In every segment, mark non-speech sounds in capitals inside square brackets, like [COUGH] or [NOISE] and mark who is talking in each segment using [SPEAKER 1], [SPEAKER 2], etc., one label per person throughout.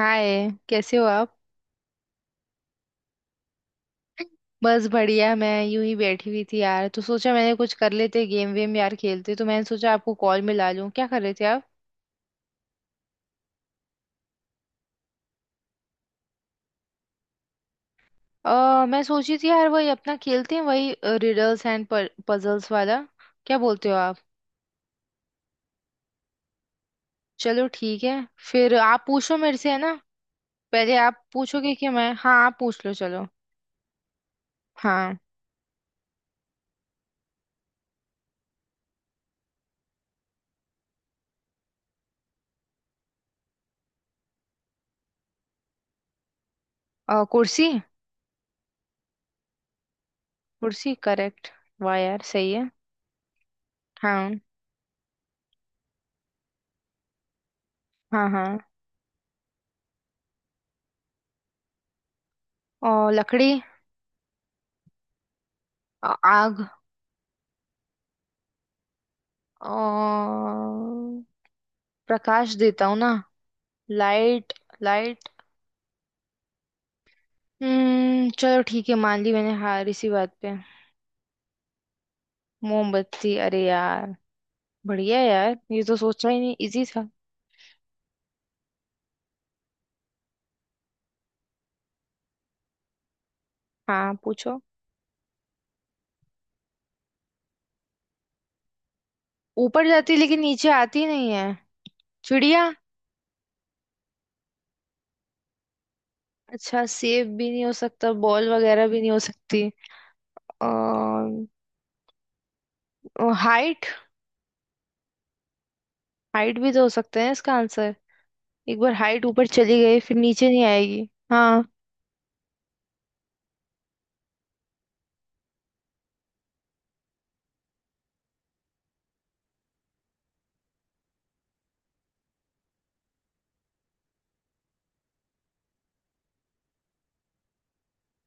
[SPEAKER 1] हाय, कैसे हो आप? बस बढ़िया। मैं यूं ही बैठी हुई थी यार, तो सोचा मैंने कुछ कर लेते, गेम वेम यार खेलते, तो मैंने सोचा आपको कॉल मिला लूं। क्या कर रहे थे आप? मैं सोची थी यार, वही अपना खेलते हैं वही, रिडल्स एंड पजल्स वाला। क्या बोलते हो आप? चलो ठीक है। फिर आप पूछो मेरे से, है ना? पहले आप पूछोगे कि मैं, हाँ, आप पूछ लो चलो। हाँ। कुर्सी। कुर्सी करेक्ट। वाह यार, सही है। हाँ, हाँ, हाँ। और लकड़ी। आग। और प्रकाश देता हूँ ना। लाइट। लाइट। हम्म, चलो ठीक है, मान ली मैंने हार इसी बात पे। मोमबत्ती, अरे यार! बढ़िया है यार, ये तो सोचना ही नहीं, इजी था। हाँ पूछो। ऊपर जाती लेकिन नीचे आती नहीं है? चिड़िया। अच्छा, सेब भी नहीं हो सकता, बॉल वगैरह भी नहीं हो सकती। और हाइट। हाइट भी तो हो सकते हैं इसका आंसर। एक बार हाइट ऊपर चली गई फिर नीचे नहीं आएगी, हाँ।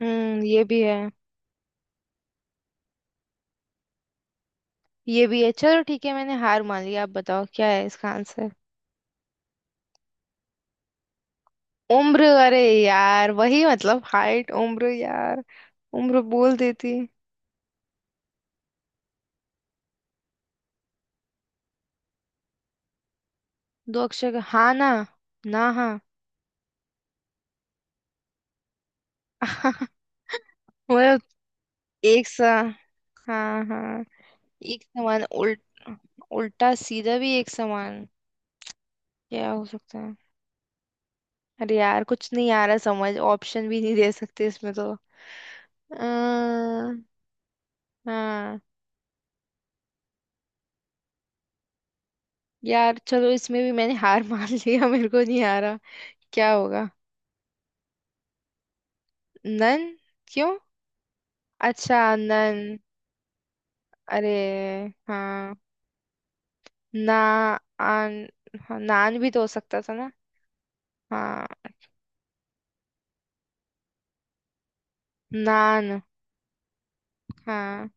[SPEAKER 1] हम्म, ये भी है। ये भी है, चलो ठीक है, मैंने हार मान लिया। आप बताओ क्या है इसका आंसर। उम्र? अरे यार, वही मतलब हाइट, उम्र यार। उम्र बोल देती। दो अक्षर का, हाँ ना? ना हाँ। मतलब? एक सा? हाँ, हाँ। एक समान उल्टा सीधा भी एक समान। क्या हो सकता है? अरे यार, कुछ नहीं आ रहा समझ। ऑप्शन भी नहीं दे सकते इसमें तो। अ, हाँ। यार चलो, इसमें भी मैंने हार मान लिया [LAUGHS] मेरे को नहीं आ रहा। क्या होगा? नन। क्यों? अच्छा, नन। अरे! हाँ। ना आन। हाँ, नान भी तो हो सकता था ना। हाँ। नान। हाँ।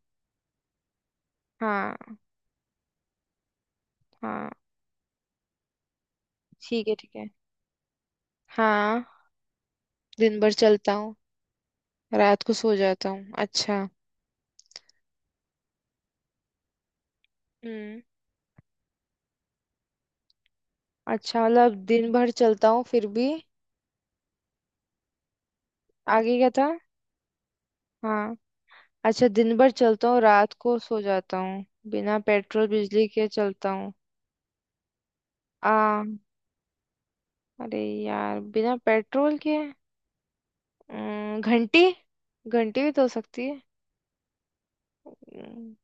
[SPEAKER 1] हाँ। हाँ। ठीक है, ठीक है। हाँ। दिन भर चलता हूँ, रात को सो जाता हूँ। अच्छा। हम्म। अच्छा, मतलब दिन भर चलता हूँ फिर भी? आगे क्या था? हाँ। अच्छा, दिन भर चलता हूँ रात को सो जाता हूँ, बिना पेट्रोल बिजली के चलता हूँ। आ अरे यार, बिना पेट्रोल के? घंटी। घंटी भी तो हो सकती है। अम,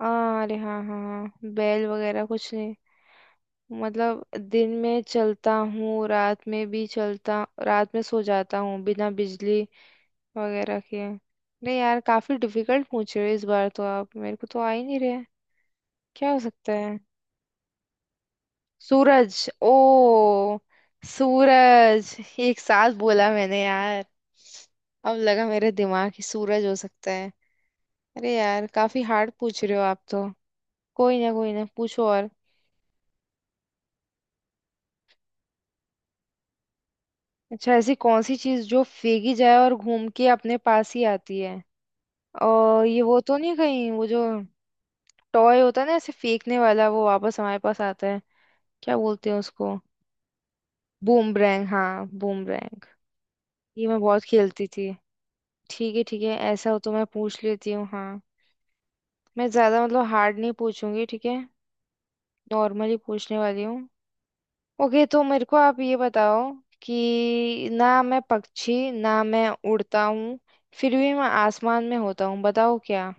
[SPEAKER 1] अरे हाँ हाँ हाँ, बैल वगैरह कुछ नहीं। मतलब, दिन में चलता हूँ रात में भी चलता, रात में सो जाता हूँ, बिना बिजली वगैरह के? नहीं यार, काफी डिफिकल्ट पूछ रहे हो इस बार तो आप, मेरे को तो आ ही नहीं रहे। क्या हो सकता है? सूरज? ओ। सूरज एक साथ बोला मैंने यार। अब लगा मेरे दिमाग ही, सूरज हो सकता है। अरे यार, काफी हार्ड पूछ रहे हो आप तो। कोई ना, कोई ना, पूछो और। अच्छा, ऐसी कौन सी चीज जो फेंकी जाए और घूम के अपने पास ही आती है? और ये वो तो नहीं कहीं, वो जो टॉय होता है ना, ऐसे फेंकने वाला, वो वापस हमारे पास आता है? क्या बोलते हैं उसको? बूमरैंग। हाँ, बूमरैंग। ये मैं बहुत खेलती थी। ठीक है, ठीक है, ऐसा हो तो मैं पूछ लेती हूँ, हाँ। मैं ज्यादा मतलब हार्ड नहीं पूछूंगी, ठीक है? नॉर्मली पूछने वाली हूँ। ओके, तो मेरे को आप ये बताओ कि ना मैं पक्षी, ना मैं उड़ता हूँ, फिर भी मैं आसमान में होता हूँ, बताओ क्या।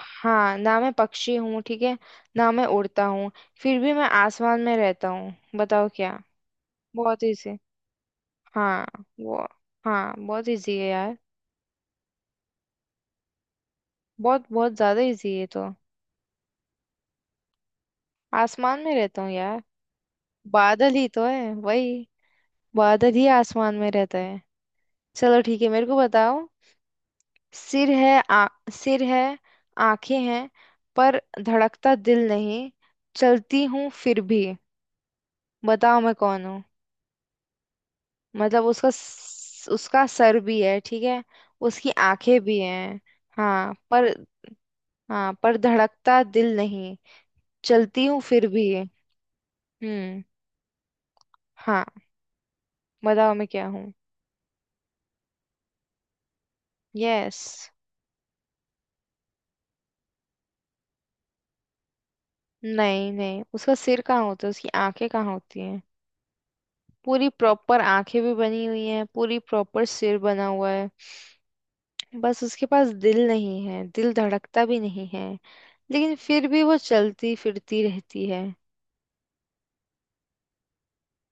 [SPEAKER 1] हाँ, ना मैं पक्षी हूँ, ठीक है, ना मैं उड़ता हूँ, फिर भी मैं आसमान में रहता हूँ, बताओ क्या। बहुत इजी। हाँ। वो। हाँ, बहुत इजी है यार। बहुत बहुत ज्यादा इजी है ये तो। आसमान में रहता हूँ यार। बादल ही तो है वही। बादल ही आसमान में रहता है। चलो ठीक है, मेरे को बताओ। सिर है, सिर है, आंखें हैं, पर धड़कता दिल नहीं, चलती हूँ फिर भी, बताओ मैं कौन हूँ। मतलब उसका सर भी है, ठीक है, उसकी आंखें भी हैं। हाँ पर हाँ पर धड़कता दिल नहीं, चलती हूँ फिर भी। हम्म। हाँ। बताओ मैं क्या हूँ। यस। नहीं नहीं, उसका सिर कहाँ होता है, उसकी आंखें कहाँ होती हैं? पूरी प्रॉपर आंखें भी बनी हुई हैं, पूरी प्रॉपर सिर बना हुआ है। बस उसके पास दिल नहीं है, दिल धड़कता भी नहीं है, लेकिन फिर भी वो चलती फिरती रहती है।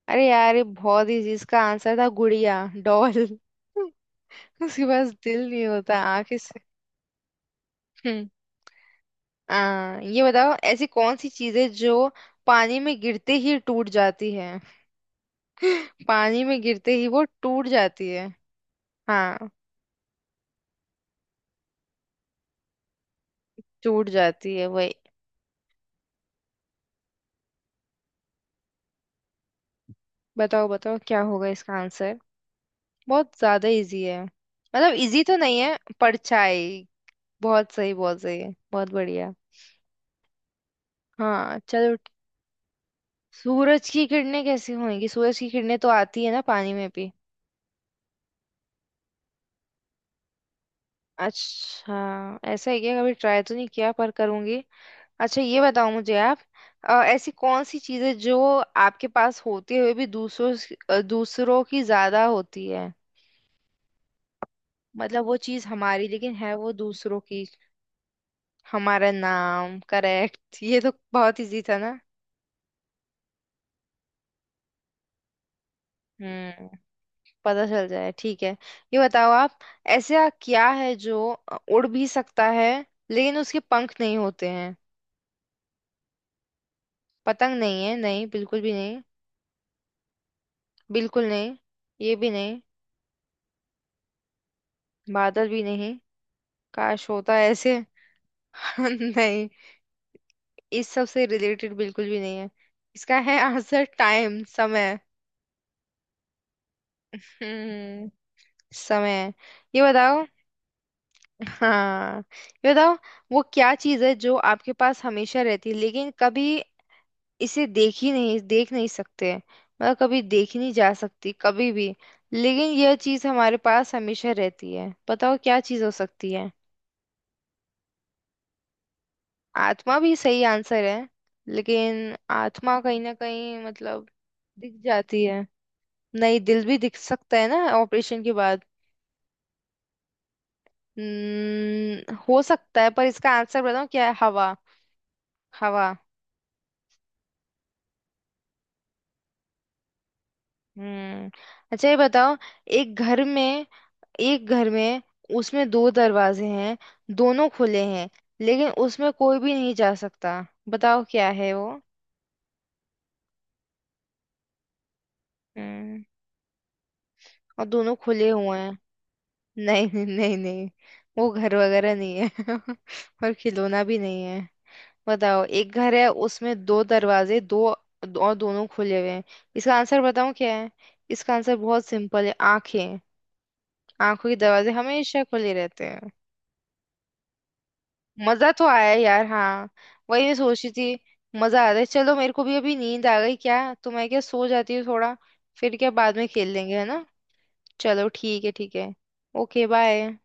[SPEAKER 1] अरे यार, ये बहुत इजी, इसका आंसर था गुड़िया, डॉल [LAUGHS] उसके पास दिल नहीं होता, आंखें से। हम्म। ये बताओ, ऐसी कौन सी चीज है जो पानी में गिरते ही टूट जाती है? पानी में गिरते ही वो टूट जाती है। हाँ, टूट जाती है वही। बताओ बताओ, क्या होगा इसका आंसर? बहुत ज्यादा इजी है, मतलब इजी तो नहीं है। परछाई। बहुत सही, बहुत सही है, बहुत बढ़िया। हाँ, चलो। सूरज की किरणें कैसी होंगी? सूरज की किरणें तो आती है ना पानी में भी। अच्छा, ऐसा है क्या? कभी ट्राई तो नहीं किया, पर करूंगी। अच्छा, ये बताओ मुझे आप। ऐसी कौन सी चीजें जो आपके पास होते हुए भी दूसरों की ज्यादा होती है। मतलब वो चीज हमारी, लेकिन है वो दूसरों की। हमारा नाम करेक्ट, ये तो बहुत इजी था ना। हम्म। पता चल जाए ठीक है। ये बताओ आप, ऐसा क्या है जो उड़ भी सकता है लेकिन उसके पंख नहीं होते हैं? पतंग नहीं है, नहीं बिल्कुल भी नहीं। बिल्कुल नहीं। ये भी नहीं। बादल भी नहीं। काश होता ऐसे! [LAUGHS] नहीं, इस सब से रिलेटेड बिल्कुल भी नहीं है। इसका है आंसर, टाइम, समय। हम्म। समय। ये बताओ। हाँ, ये बताओ। वो क्या चीज है जो आपके पास हमेशा रहती है, लेकिन कभी इसे देख ही नहीं देख नहीं सकते? मतलब कभी देखी नहीं जा सकती कभी भी, लेकिन यह चीज हमारे पास हमेशा रहती है, बताओ क्या चीज हो सकती है। आत्मा भी सही आंसर है, लेकिन आत्मा कहीं ना कहीं मतलब दिख जाती है। नहीं, दिल भी दिख सकता है ना ऑपरेशन के बाद। हम्म, हो सकता है, पर इसका आंसर बताऊं क्या है? हवा। हवा। हम्म। अच्छा, ये बताओ। एक घर में एक घर में उसमें दो दरवाजे हैं, दोनों खुले हैं, लेकिन उसमें कोई भी नहीं जा सकता। बताओ क्या है वो। हम्म, और दोनों खुले हुए हैं। [LAUGHS] नहीं नहीं नहीं नहीं, वो घर वगैरह नहीं है [LAUGHS] और खिलौना भी नहीं है। बताओ, एक घर है, उसमें दो दरवाजे, दो दो- और दोनों खुले हुए हैं। इसका आंसर बताऊं क्या है? इसका आंसर बहुत सिंपल है, आंखें। आंखों के दरवाजे हमेशा खुले रहते हैं। मजा तो आया यार, हाँ। वही मैं सोच रही थी, मजा आ रहा है। चलो, मेरे को भी अभी नींद आ गई क्या तो, मैं क्या सो जाती हूँ थोड़ा। फिर क्या, बाद में खेल लेंगे, है ना? चलो ठीक है, ठीक है। Okay, bye.